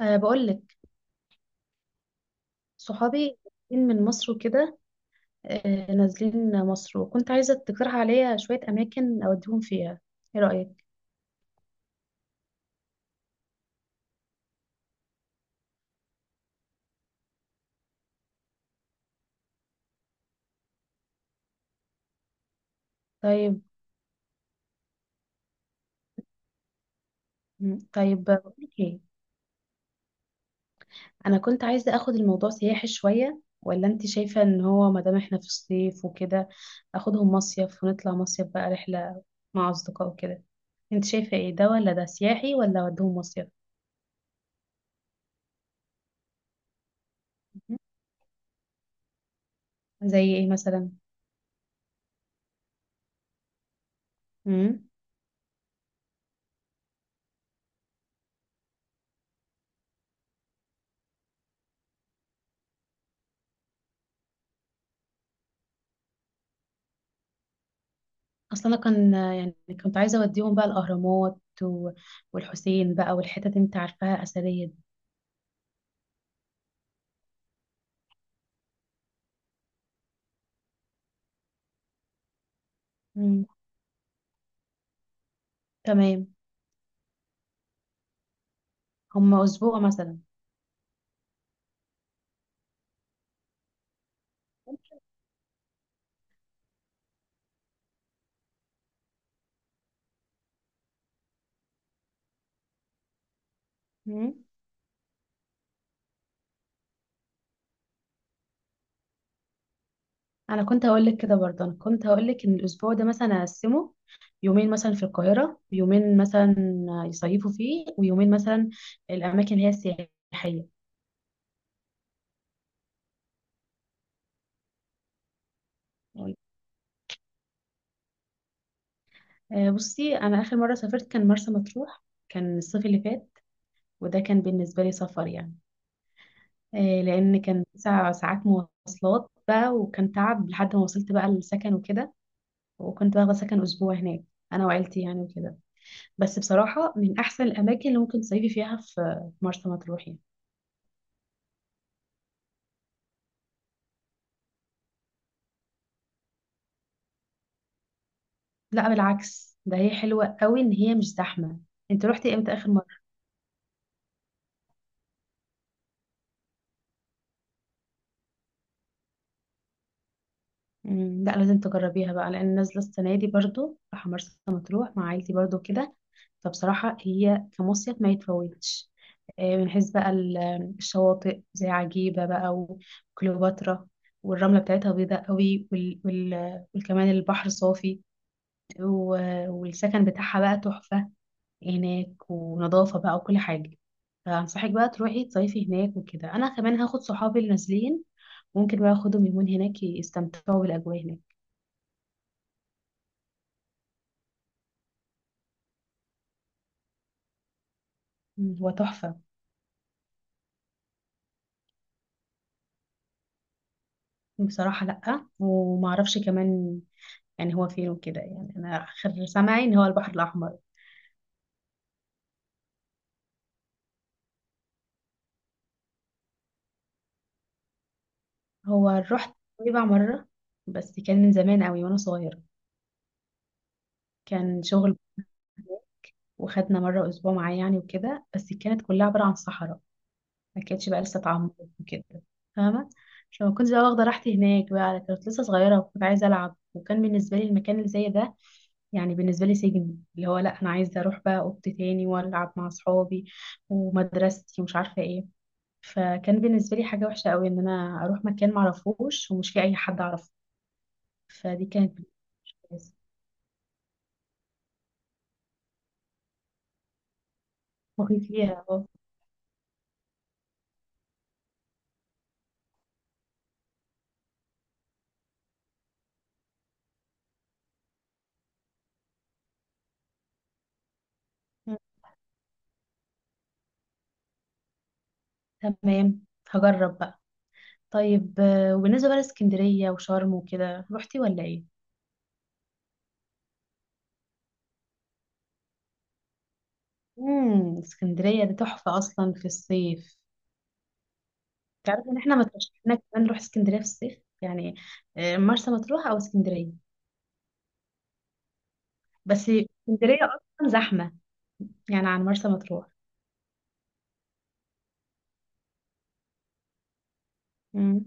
بقول لك صحابي جايين من مصر وكده، نازلين مصر، وكنت عايزة تقترح عليا شوية أماكن أوديهم فيها. إيه رأيك؟ طيب. طيب، بقول لك إيه. أنا كنت عايزة أخد الموضوع سياحي شوية، ولا أنت شايفة إن هو مادام إحنا في الصيف وكده أخدهم مصيف ونطلع مصيف بقى رحلة مع أصدقاء وكده؟ أنت شايفة إيه، ده ولا ده سياحي ولا أوديهم مصيف؟ م- زي إيه مثلا؟ اصل انا كان يعني كنت عايزه اوديهم بقى الاهرامات و... والحسين بقى، والحتت اللي انت عارفاها اثريه دي. مم. تمام. هما اسبوع مثلا. مم. انا كنت هقول لك كده برضه، انا كنت هقول لك ان الاسبوع ده مثلا اقسمه، يومين مثلا في القاهره، ويومين مثلا يصيفوا فيه، ويومين مثلا الاماكن اللي هي السياحيه. بصي، انا اخر مره سافرت كان مرسى مطروح. كان الصيف اللي فات، وده كان بالنسبه لي سفر يعني. لان كان 9 ساعات مواصلات بقى، وكان تعب لحد ما وصلت بقى للسكن وكده. وكنت واخده سكن اسبوع هناك، انا وعيلتي يعني وكده. بس بصراحه من احسن الاماكن اللي ممكن تصيفي فيها في مرسى مطروح يعني. لا بالعكس، ده هي حلوه قوي ان هي مش زحمه. انت روحتي امتى اخر مره؟ مم. لا لازم تجربيها بقى، لان نازله السنه دي برضو راح مرسى مطروح مع عيلتي برضو كده. فبصراحه هي كمصيف ما يتفوتش. من حيث بقى الشواطئ زي عجيبه بقى، وكليوباترا، والرمله بتاعتها بيضاء قوي، وكمان البحر صافي، والسكن بتاعها بقى تحفه هناك، ونظافه بقى وكل حاجه. فانصحك بقى تروحي تصيفي هناك، وكده انا كمان هاخد صحابي اللي نازلين، ممكن بقى اخدهم يومين هناك يستمتعوا بالاجواء هناك. مم. هو تحفة. بصراحة لأ، ومعرفش كمان يعني هو فين وكده. يعني أنا آخر سمعي إن هو البحر الأحمر. هو رحت نويبع مرة، بس كان من زمان قوي وأنا صغيرة. كان شغل، وخدنا مرة أسبوع معاه يعني وكده. بس كانت كلها عبارة عن صحراء، ما كانتش بقى لسه اتعمرت وكده، فاهمة؟ فما كنتش بقى واخدة راحتي هناك بقى، كنت لسه صغيرة وكنت عايزة ألعب، وكان بالنسبة لي المكان اللي زي ده يعني بالنسبة لي سجن. اللي هو لا، أنا عايزة أروح بقى أوضتي تاني وألعب مع أصحابي ومدرستي ومش عارفة إيه. فكان بالنسبة لي حاجة وحشة قوي إن أنا أروح مكان معرفوش ومش فيه أي حد أعرفه. فدي كانت مش كويسة. مخيف ليها، اه. تمام، هجرب بقى. طيب، وبالنسبة بقى لاسكندرية وشرم وكده، روحتي ولا إيه؟ امم، اسكندرية دي تحفة أصلا في الصيف. تعرف إن إحنا ما ترشحنا كمان نروح اسكندرية في الصيف يعني. مرسى مطروح أو اسكندرية، بس اسكندرية أصلا زحمة يعني عن مرسى مطروح. مم.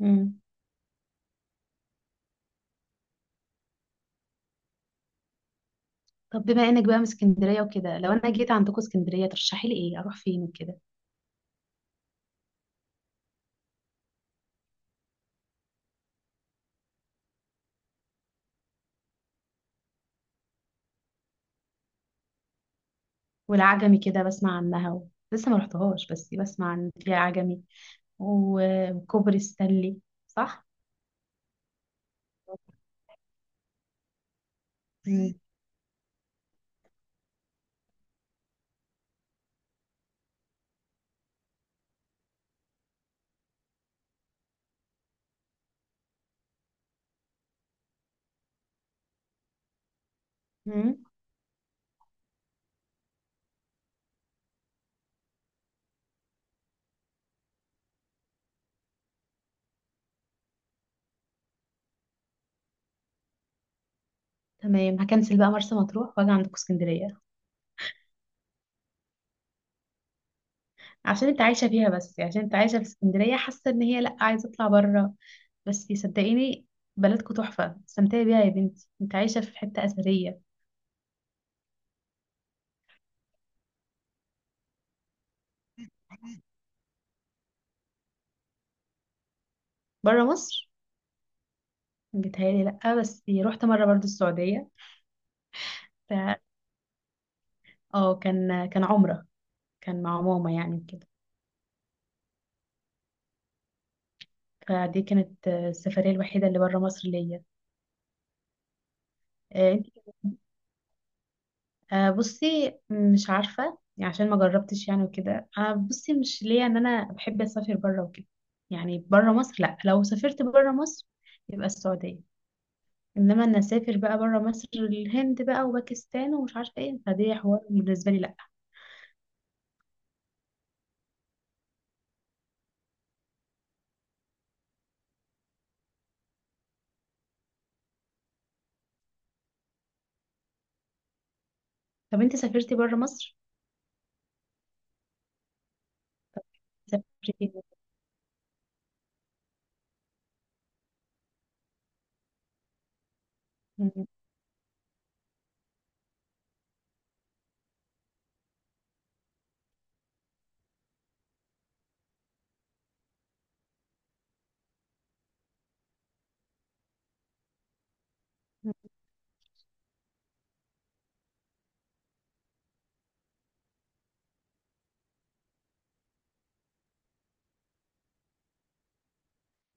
مم. طب بما إنك بقى من اسكندرية وكده، لو أنا جيت عندكم اسكندرية ترشحي لي إيه؟ أروح فين وكده؟ والعجمي كده بسمع عنها لسه ما رحتهاش، بس بسمع عن فيها عجمي، وكوبري ستانلي، صح؟ مم. مم. تمام هكنسل بقى مرسى مطروح واجي عندكم اسكندرية. عشان انت عايشة فيها، بس عشان انت عايشة في اسكندرية حاسة ان هي لأ، عايزة اطلع بره. بس صدقيني، بلدكم تحفة، استمتعي بيها يا بنتي، انت عايشة في حتة أثرية. بره مصر؟ بيتهيألي لأ، بس رحت مرة برضو السعودية. ف اه كان عمرة، كان مع ماما يعني وكده. فدي كانت السفرية الوحيدة اللي بره مصر ليا. آه، انت آه، بصي مش عارفة، يعني عشان ما جربتش يعني وكده. بصي مش ليا ان انا بحب اسافر بره وكده يعني. بره مصر لا، لو سافرت بره مصر يبقى السعودية. انما ان اسافر بقى بره مصر الهند بقى وباكستان ومش عارفة ايه، فدي حوار بالنسبة لي لا. طب انت سافرتي بره مصر؟ سافرتي. مم.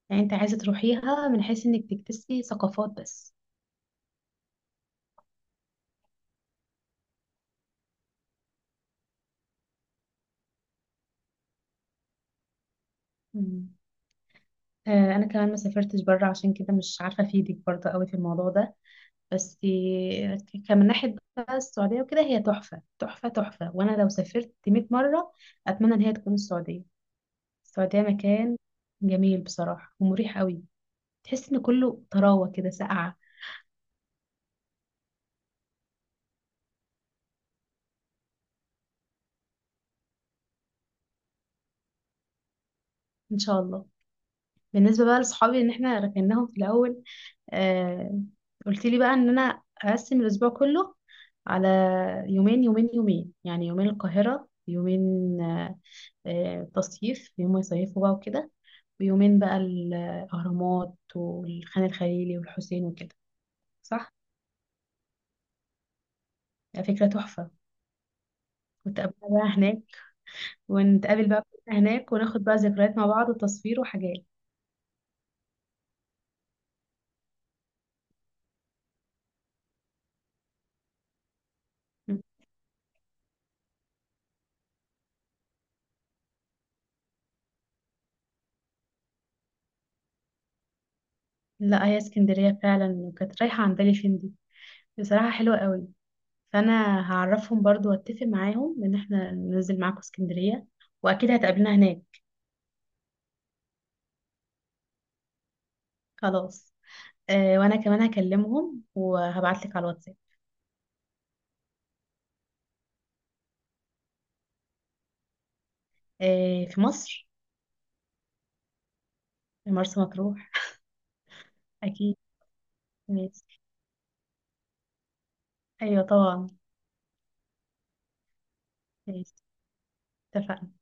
يعني انت عايزة تروحيها من حيث انك تكتسي ثقافات بس؟ مم. انا كمان ما سافرتش بره، عشان كده مش عارفة افيدك برضه قوي في الموضوع ده. بس كمن ناحية بقى، السعودية وكده هي تحفة تحفة تحفة، وانا لو سافرت 100 مرة اتمنى ان هي تكون السعودية. السعودية مكان جميل بصراحة ومريح قوي، تحس ان كله طراوة كده ساقعة. ان شاء الله. بالنسبة بقى لصحابي، ان احنا ركناهم في الاول. آه، قلت لي بقى ان انا اقسم الاسبوع كله على يومين يومين يومين، يعني يومين القاهرة، يومين آه يوم يصيفوا بقى وكده، ويومين بقى الاهرامات والخان الخليلي والحسين وكده. صح، فكرة تحفة. ونتقابل بقى هناك، ونتقابل بقى كلنا هناك وناخد بقى ذكريات مع بعض وتصوير وحاجات. لا هي اسكندرية فعلا، وكانت رايحة عن بالي فين دي، بصراحة حلوة قوي. فانا هعرفهم برضو واتفق معاهم ان احنا ننزل معاكم اسكندرية، واكيد هتقابلنا هناك. خلاص. وانا كمان هكلمهم وهبعت لك على الواتساب. آه، في مصر؟ في مرسى مطروح. اكيد. ماشي، ايوه طبعا. ماشي، اتفقنا.